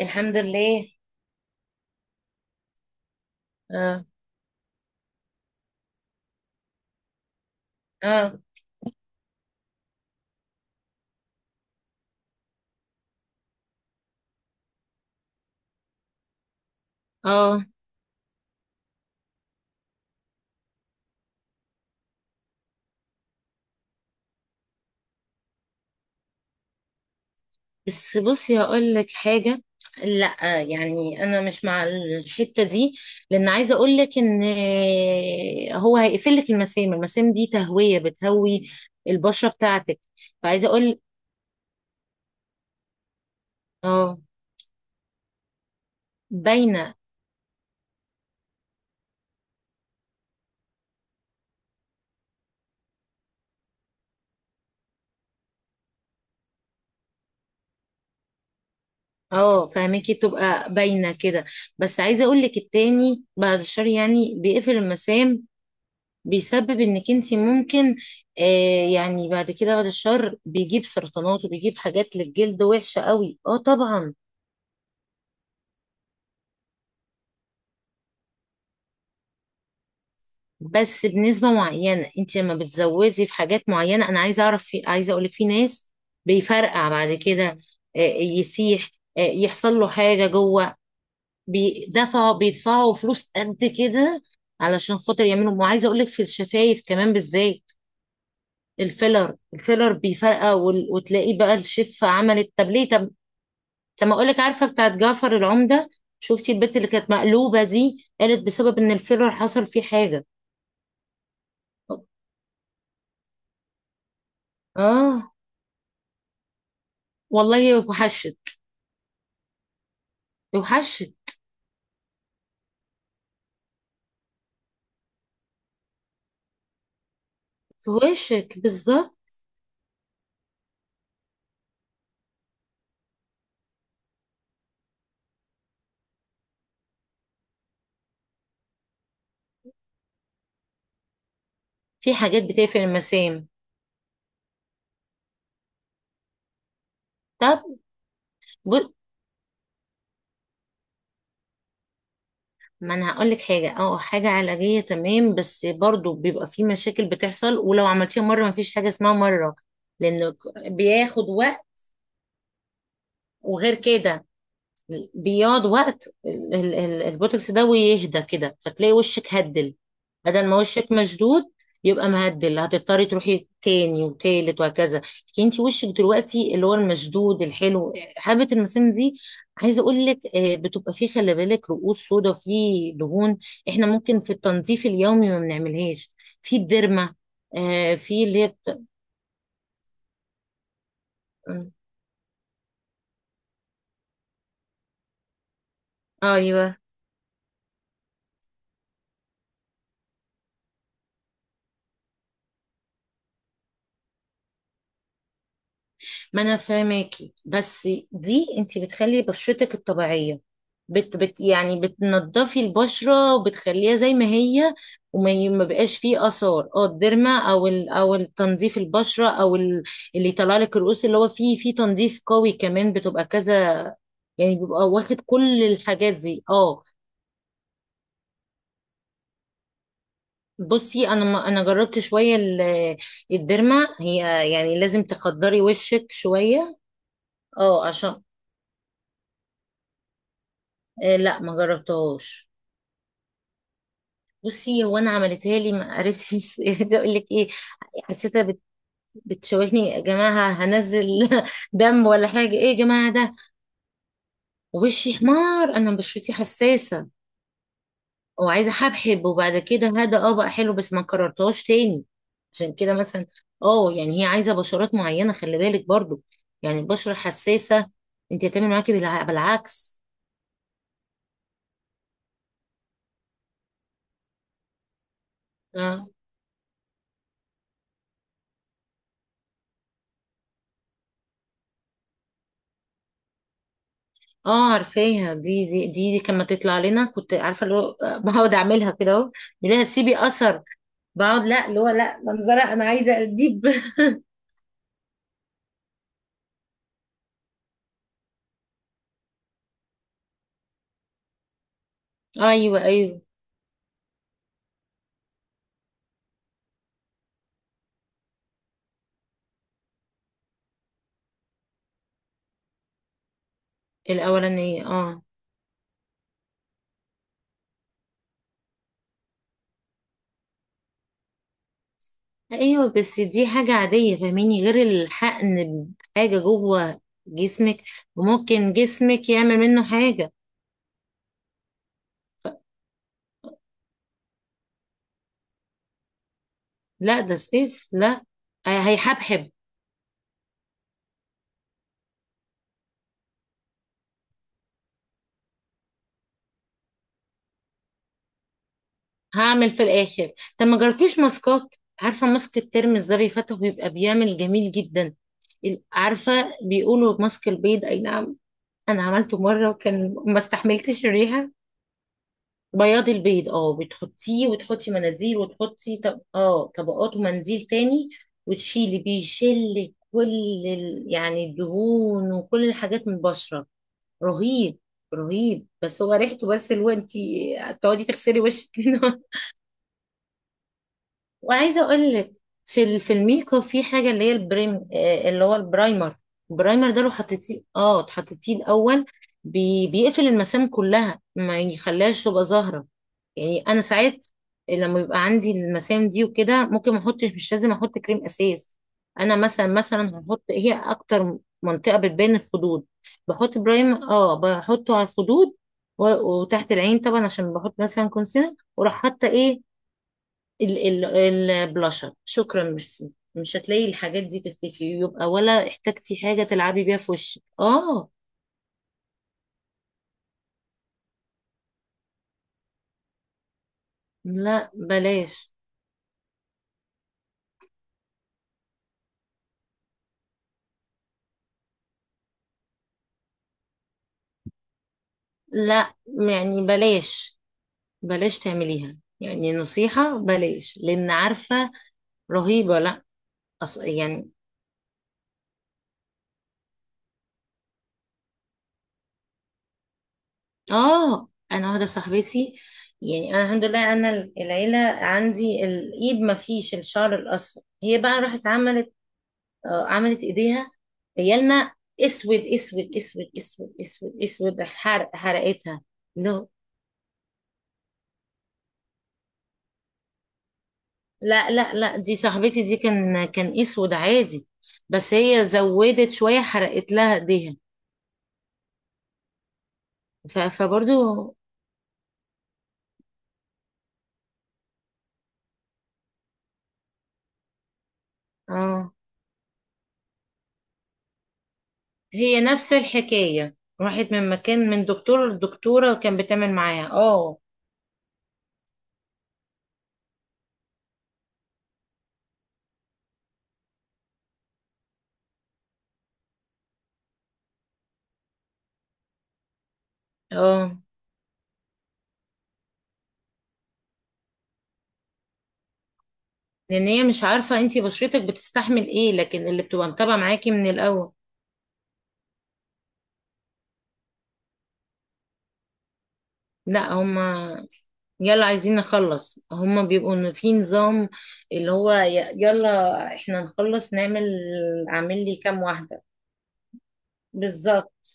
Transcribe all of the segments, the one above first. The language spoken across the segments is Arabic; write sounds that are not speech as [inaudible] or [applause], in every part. الحمد لله. اه اه اه. بس بصي، هقول لك حاجة. لا يعني انا مش مع الحتة دي، لان عايزة اقول لك ان هو هيقفل لك المسام. المسام دي تهوية، بتهوي البشرة بتاعتك. فعايزة اقول. اه. باينة. اه، فاهمكي، تبقى باينة كده. بس عايزة اقول لك التاني، بعد الشر يعني بيقفل المسام، بيسبب انك انت ممكن، آه يعني بعد كده بعد الشر بيجيب سرطانات وبيجيب حاجات للجلد وحشة قوي. اه طبعا، بس بنسبة معينة. انت لما بتزودي في حاجات معينة، انا عايزة اعرف، في عايزة اقولك في ناس بيفرقع بعد كده. آه يسيح، آه يحصل له حاجة جوه. بيدفعوا بيدفعوا فلوس قد كده علشان خاطر يعملوا. وعايزة اقولك في الشفايف كمان بالذات. الفيلر بيفرقع، وتلاقيه بقى الشفة عملت، طب ليه؟ طب لما اقول لك، عارفه بتاعت جعفر العمده؟ شفتي البت اللي كانت مقلوبه دي؟ قالت بسبب ان الفيلر حصل فيه حاجه. اه والله وحشت. وحشت. في وشك بالظبط. في حاجات بتقفل المسام. طب، ب- ما انا هقول لك حاجه، اه حاجه علاجيه تمام، بس برضو بيبقى في مشاكل بتحصل. ولو عملتيها مره، ما فيش حاجه اسمها مره، لانه بياخد وقت. وغير كده بيقعد وقت البوتوكس ده، ويهدى كده، فتلاقي وشك هدل بدل ما وشك مشدود. يبقى مهدل، هتضطري تروحي تاني وتالت وهكذا. لكن انت وشك دلوقتي اللي هو المشدود الحلو. حبة المسام دي، عايزه اقول لك بتبقى فيه، خلي بالك، رؤوس سودا وفيه دهون. احنا ممكن في التنظيف اليومي ما بنعملهاش، في الديرما، في اللي هي آه، ايوه. ما انا فاهماكي، بس دي انت بتخلي بشرتك الطبيعيه، بت يعني بتنضفي البشره وبتخليها زي ما هي. ما بقاش فيه اثار، اه الديرما او ال او التنظيف البشره او ال، اللي يطلع لك الرؤوس، اللي هو فيه فيه تنظيف قوي كمان، بتبقى كذا يعني، بيبقى واخد كل الحاجات دي. اه. بصي انا، ما انا جربت شويه الديرما. هي يعني لازم تخدري وشك شويه. اه عشان. آه لا ما جربتهاش. بصي هو انا عملتها لي ما عرفتش [laughs] عايزه اقول لك ايه، حسيتها بتشوشني يا جماعه، هنزل. [laughs] دم ولا حاجه؟ ايه يا جماعه ده؟ وشي حمار، انا بشرتي حساسه، وعايزه حبحب. وبعد كده هذا اه بقى حلو، بس ما كررتهاش تاني. عشان كده مثلا، اه يعني هي عايزه بشرات معينه، خلي بالك برضو، يعني البشره حساسه، انت هتعمل معاكي بالعكس. اه. اه عارفاها دي، دي كما تطلع لنا، كنت عارفه اللي هو بقعد اعملها كده اهو. ليها سيبي اثر. بقعد، لا اللي هو لا، منظره انا عايزه اديب [laughs] ايوه ايوه. الاولانيه اه. ايوه بس دي حاجه عاديه، فاهميني؟ غير الحقن بحاجه جوه جسمك، وممكن جسمك يعمل منه حاجه. لا ده سيف لا. آه، هيحبحب. هعمل في الاخر. طب ما جربتيش ماسكات؟ عارفه ماسك الترمس ده بيفتح، ويبقى بيعمل جميل جدا. عارفه، بيقولوا ماسك البيض، اي نعم، انا عملته مره وكان ما استحملتش الريحه. بياض البيض، اه، بتحطيه وتحطي مناديل وتحطي، طب اه طبقات ومنديل تاني، وتشيلي، بيشل كل يعني الدهون وكل الحاجات من البشرة. رهيب. رهيب، بس هو ريحته، بس اللي هو انت تقعدي تغسلي وشك منه. [laughs] وعايزه اقول لك، في في الميك اب في حاجه اللي هي البريم، اللي هو البرايمر. البرايمر ده لو حطيتيه، اه حطيتيه الاول، بيقفل المسام كلها، ما يخليهاش تبقى ظاهره. يعني انا ساعات لما بيبقى عندي المسام دي وكده، ممكن ما احطش، مش لازم احط كريم اساس. انا مثلا، مثلا هحط، هي اكتر منطقه بتبان الخدود، بحط برايم، اه بحطه على الخدود، وتحت العين طبعا، عشان بحط مثلا كونسيلر، وراح حاطه ايه ال البلاشر. شكرا، ميرسي، مش هتلاقي الحاجات دي تختفي. يبقى ولا احتاجتي حاجه تلعبي بيها في وشك. اه لا، بلاش. لا يعني بلاش، بلاش تعمليها، يعني نصيحة بلاش، لأن عارفة رهيبة. لا. يعني، آه أنا واحدة صاحبتي، يعني أنا الحمد لله أنا العيلة عندي الإيد ما فيش الشعر الأصفر. هي بقى راحت عملت، آه عملت إيديها. عيالنا أسود أسود أسود، أسود، حرق حرقتها. لا لا، دي صاحبتي دي، كان كان أسود عادي، بس هي زودت شوية، حرقت لها إيديها. فبرضو. اه هي نفس الحكاية، راحت من مكان، من دكتور لدكتورة، وكان بتعمل معاها. اه. اه لان هي مش عارفة انتي بشرتك بتستحمل ايه، لكن اللي بتبقى متابعة معاكي من الاول. لا هما. يلا عايزين نخلص، هما بيبقوا إن في نظام، اللي هو يلا احنا نخلص نعمل. اعمل لي كام واحدة. بالظبط.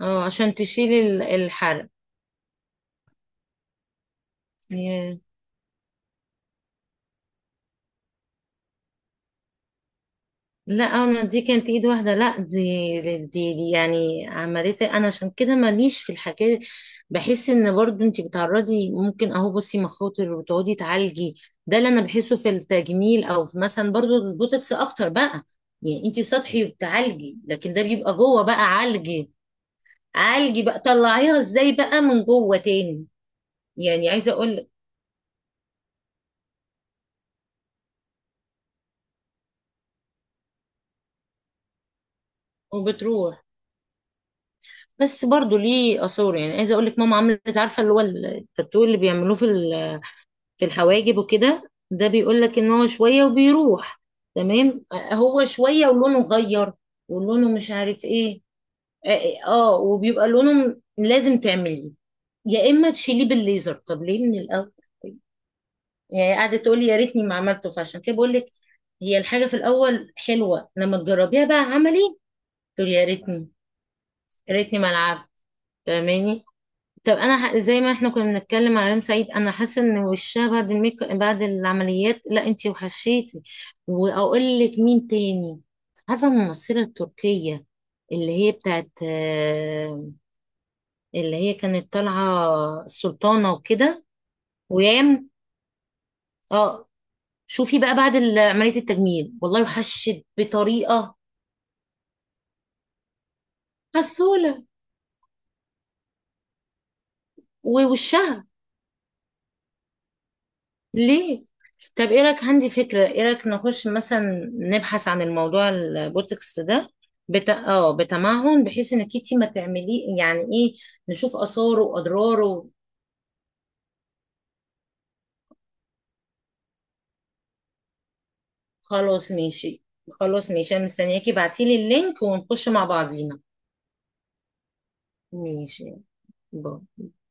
اه عشان تشيلي الحرق. لا آه، انا دي كانت ايد واحده. لا دي، دي يعني عملتها انا، عشان كده ماليش في الحكايه. بحس ان برضو انت بتعرضي، ممكن اهو بصي مخاطر، وتقعدي تعالجي. ده اللي انا بحسه في التجميل، او في مثلا برضو البوتوكس اكتر بقى. يعني انت سطحي وبتعالجي، لكن ده بيبقى جوه بقى، عالجي. عالجي بقى، طلعيها ازاي بقى من جوه تاني. يعني عايزه اقول لك وبتروح. بس برضو ليه اثار. يعني عايزه اقول لك، ماما عملت، عارفه اللي هو التاتو اللي بيعملوه في في الحواجب وكده، ده بيقول لك ان هو شويه وبيروح. تمام. آه، هو شويه ولونه غير، ولونه مش عارف ايه. اه آه، آه، وبيبقى لونه لازم تعمليه، يا اما تشيليه بالليزر. طب ليه من الاول؟ يعني قاعده تقولي يا ريتني ما عملته. فعشان كده بقول لك، هي الحاجه في الاول حلوه لما تجربيها، بقى عملي تقولي يا ريتني، يا ريتني ما العبت. فاهماني؟ طب انا زي ما احنا كنا بنتكلم على ريم سعيد، انا حاسه ان وشها بعد الميك، بعد العمليات. لا انتي وحشيتي. واقول لك مين تاني، عارفه الممثله التركيه اللي هي بتاعت اللي هي كانت طالعه السلطانه وكده؟ ويام. اه. شوفي بقى بعد عمليه التجميل والله وحشت بطريقه. عسوله. ووشها. ليه؟ طب ايه رأيك؟ عندي فكرة. ايه رأيك نخش مثلا نبحث عن الموضوع البوتوكس ده، اه بتمعن، بحيث انك انتي ما تعمليه يعني، ايه، نشوف آثاره وأضراره. خلاص ماشي. خلاص ماشي، انا مستنياكي ابعتيلي اللينك ونخش مع بعضينا. ماشي، باي.